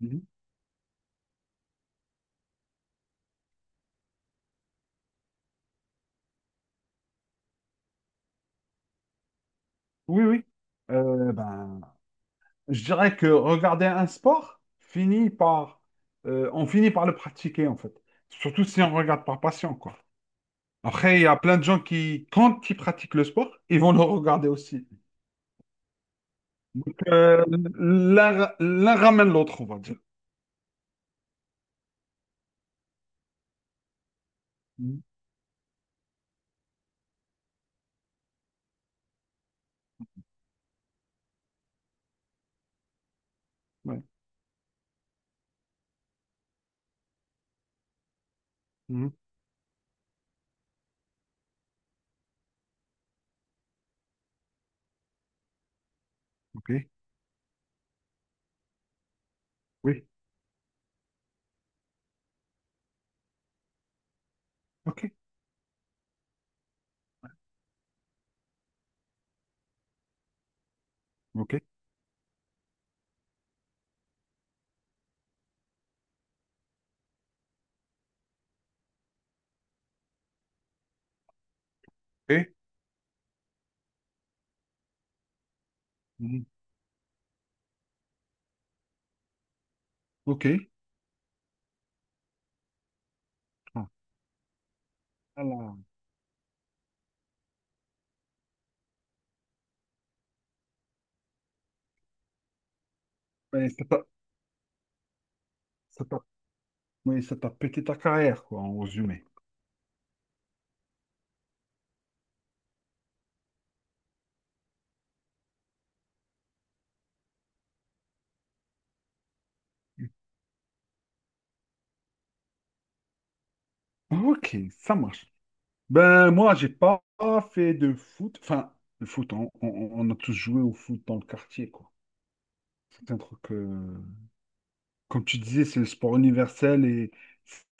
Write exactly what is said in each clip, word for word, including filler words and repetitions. Mhm. Oui, oui. Euh, ben, je dirais que regarder un sport finit par, euh, on finit par le pratiquer en fait. Surtout si on regarde par passion, quoi. Après, il y a plein de gens qui, quand ils pratiquent le sport, ils vont le regarder aussi. Euh, l'un l'un ramène l'autre, on va dire. Mhm. Ouais. Mhm. Ok. Oui. Ok. Ok. Ok. Mhm. Ok. Ah. Alors, ben, c'est pas- c'est pas oui, ça t'a pété ta carrière, quoi, en résumé. Ok, ça marche. Ben, moi, j'ai pas fait de foot. Enfin, le foot, on, on- on a tous joué au foot dans le quartier, quoi. C'est un truc, euh, comme tu disais, c'est le sport universel et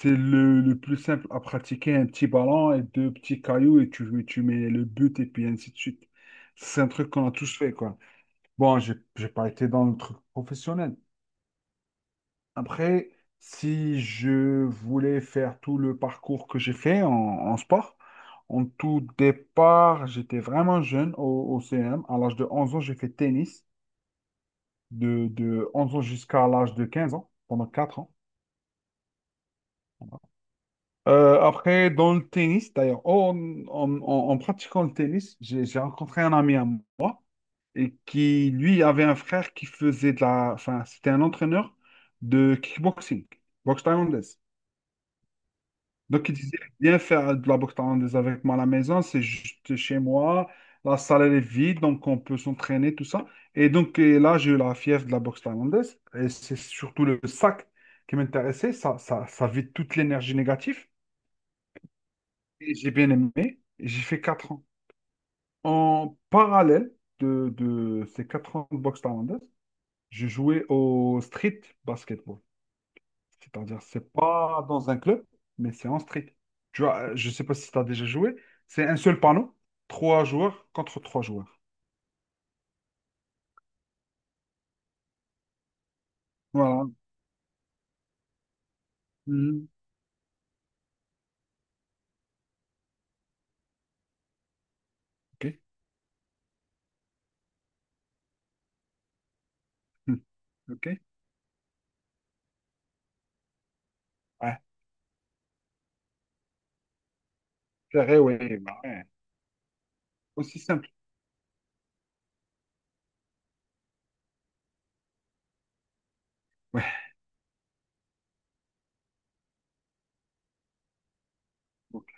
c'est le, le plus simple à pratiquer. Un petit ballon et deux petits cailloux et tu, tu mets le but et puis ainsi de suite. C'est un truc qu'on a tous fait, quoi. Bon, j'ai j'ai pas été dans le truc professionnel. Après, si je voulais faire tout le parcours que j'ai fait en, en sport, en tout départ, j'étais vraiment jeune au, au C M. À l'âge de onze ans, j'ai fait tennis, de, de onze ans jusqu'à l'âge de quinze ans, pendant quatre ans. Euh, après, dans le tennis, d'ailleurs, oh, en, en- en- en pratiquant le tennis, j'ai j'ai rencontré un ami à moi et qui, lui, avait un frère qui faisait de la... Enfin, c'était un entraîneur de kickboxing, boxe thaïlandaise. Donc, il disait bien faire de la boxe thaïlandaise avec moi à la maison, c'est juste chez moi. La salle, elle est vide, donc on peut s'entraîner, tout ça. Et donc, et là, j'ai eu la fièvre de la boxe thaïlandaise. Et c'est surtout le sac qui m'intéressait. Ça, ça, ça vide toute l'énergie négative. Et j'ai bien aimé. Et j'ai fait quatre ans. En parallèle de, de ces quatre ans de boxe thaïlandaise, je jouais au street basketball. C'est-à-dire, c'est pas dans un club, mais c'est en street. Tu vois, euh, je sais pas si tu as déjà joué. C'est un seul panneau, trois joueurs contre trois joueurs. Voilà. Mhm. OK. Mhm. OK. Ouais. Carré, ouais. bah, ouais. Aussi simple. Ouais. OK.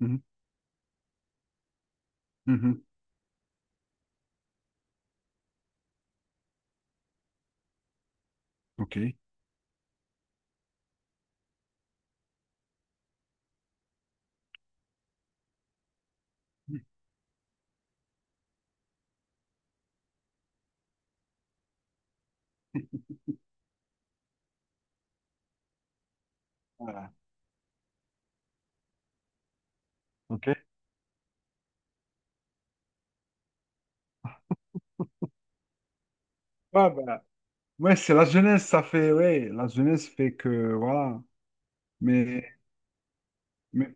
Mhm. Mhm. OK. Mhm. Voilà. OK. Ouais, bah, ouais, c'est la jeunesse, ça fait. Ouais, la jeunesse fait que. Voilà. Mais. mais...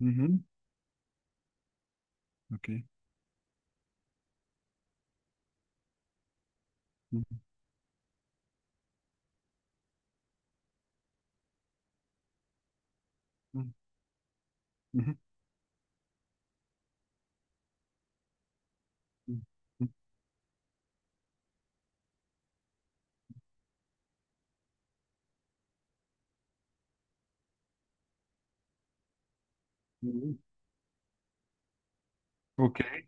Mhm. OK. Mhm. Mhm. Mhm. Mhm. Mhm. OK.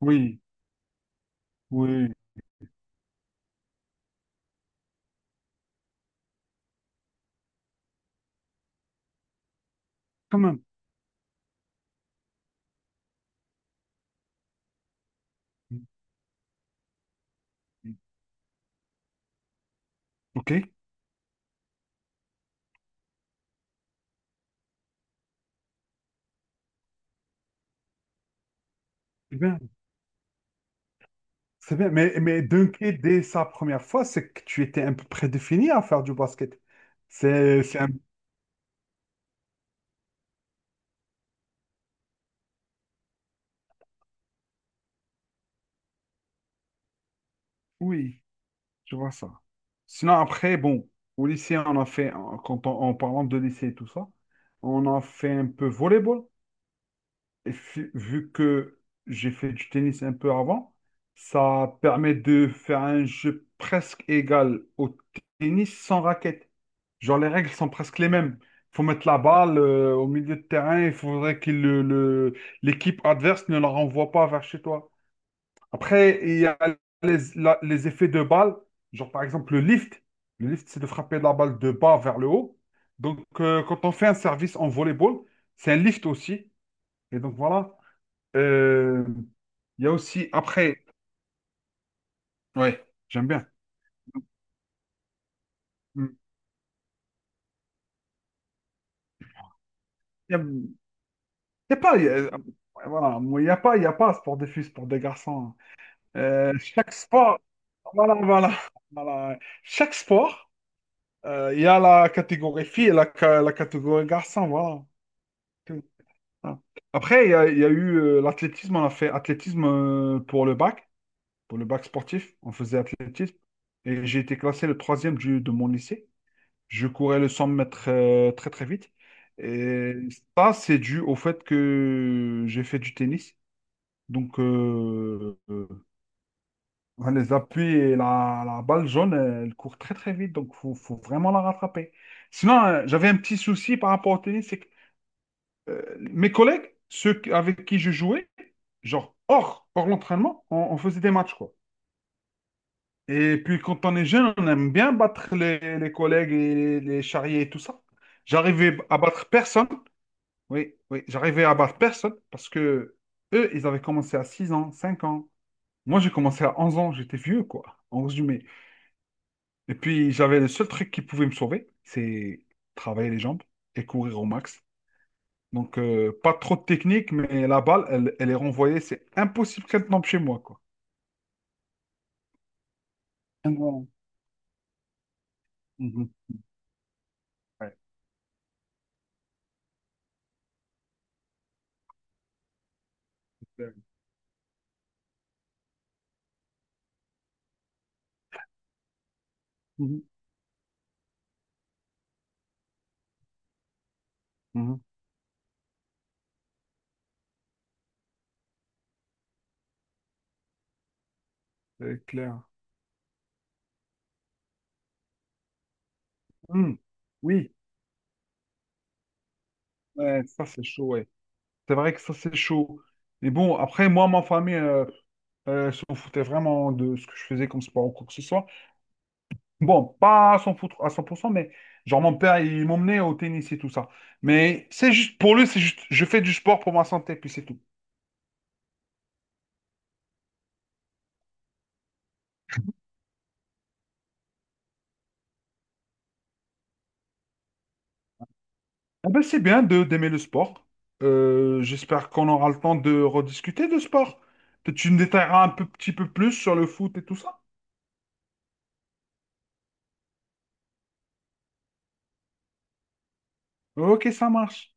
Oui. Oui. Quand même. Mm-hmm. Ok, c'est bien, c'est bien. Mais, mais dunker, dès sa première fois, c'est que tu étais un peu prédéfini à faire du basket. C'est, c'est un... Oui, je vois ça. Sinon, après, bon, au lycée, on a fait, en- quand on- en parlant de lycée et tout ça, on a fait un peu volleyball. Et fi- vu que j'ai fait du tennis un peu avant, ça permet de faire un jeu presque égal au tennis sans raquette. Genre, les règles sont presque les mêmes. Il faut mettre la balle euh, au milieu de terrain, il faudrait que le, le- l'équipe adverse ne la renvoie pas vers chez toi. Après, il y a les, la- les effets de balle, genre par exemple le lift. Le lift, c'est de frapper la balle de bas vers le haut. Donc, euh, quand on fait un service en volleyball, c'est un lift aussi. Et donc voilà. Euh, Il y a aussi, après, ouais, j'aime bien. Il y a, il y a pas, il y a, euh, voilà, moi, il y a pas, il y a pas sport de fils pour des garçons, hein. Euh, chaque sport, voilà, voilà, voilà. Chaque sport, euh, il y a la catégorie fille et la, ca- la catégorie garçon, voilà. Tout. Voilà. Après, il y a, il y a eu euh, l'athlétisme, on a fait athlétisme euh, pour le bac, pour le bac sportif, on faisait athlétisme. Et j'ai été classé le troisième du, de mon lycée. Je courais le cent mètres euh, très très vite. Et ça, c'est dû au fait que j'ai fait du tennis. Donc, euh, euh, les appuis et la, la balle jaune, elle court très très vite. Donc, faut, faut vraiment la rattraper. Sinon, euh, j'avais un petit souci par rapport au tennis. C'est que euh, mes collègues, ceux qui- avec qui je jouais, genre hors, hors l'entraînement, on, on faisait des matchs, quoi. Et puis quand on est jeune, on aime bien battre les, les collègues et les, les charriers et tout ça. J'arrivais à battre personne. Oui, oui, j'arrivais à battre personne parce que eux, ils avaient commencé à six ans, cinq ans. Moi, j'ai commencé à onze ans, j'étais vieux, quoi, en résumé. Et puis, j'avais le seul truc qui pouvait me sauver, c'est travailler les jambes et courir au max. Donc, euh, pas trop de technique, mais la balle, elle, elle est renvoyée, c'est impossible qu'elle tombe chez moi, quoi. Ah, voilà. Mhm. Ouais, c'est clair. Mhm. Mhm, c'est clair. Mhm. Oui, ouais, ça, c'est chaud, ouais. C'est vrai que ça, c'est chaud. Mais bon, après, moi, ma famille euh, euh, s'en foutait vraiment de ce que je faisais comme sport ou quoi que ce soit. Bon, pas à s'en foutre à cent pour cent, mais genre, mon père, il m'emmenait au tennis et tout ça. Mais c'est juste, pour lui, c'est juste, je fais du sport pour ma santé, puis c'est tout. Ah ben, c'est bien de d'aimer le sport. Euh, j'espère qu'on aura le temps de rediscuter de sport. Peut-être tu me détailleras un peu, petit peu plus sur le foot et tout ça. Ok, ça marche.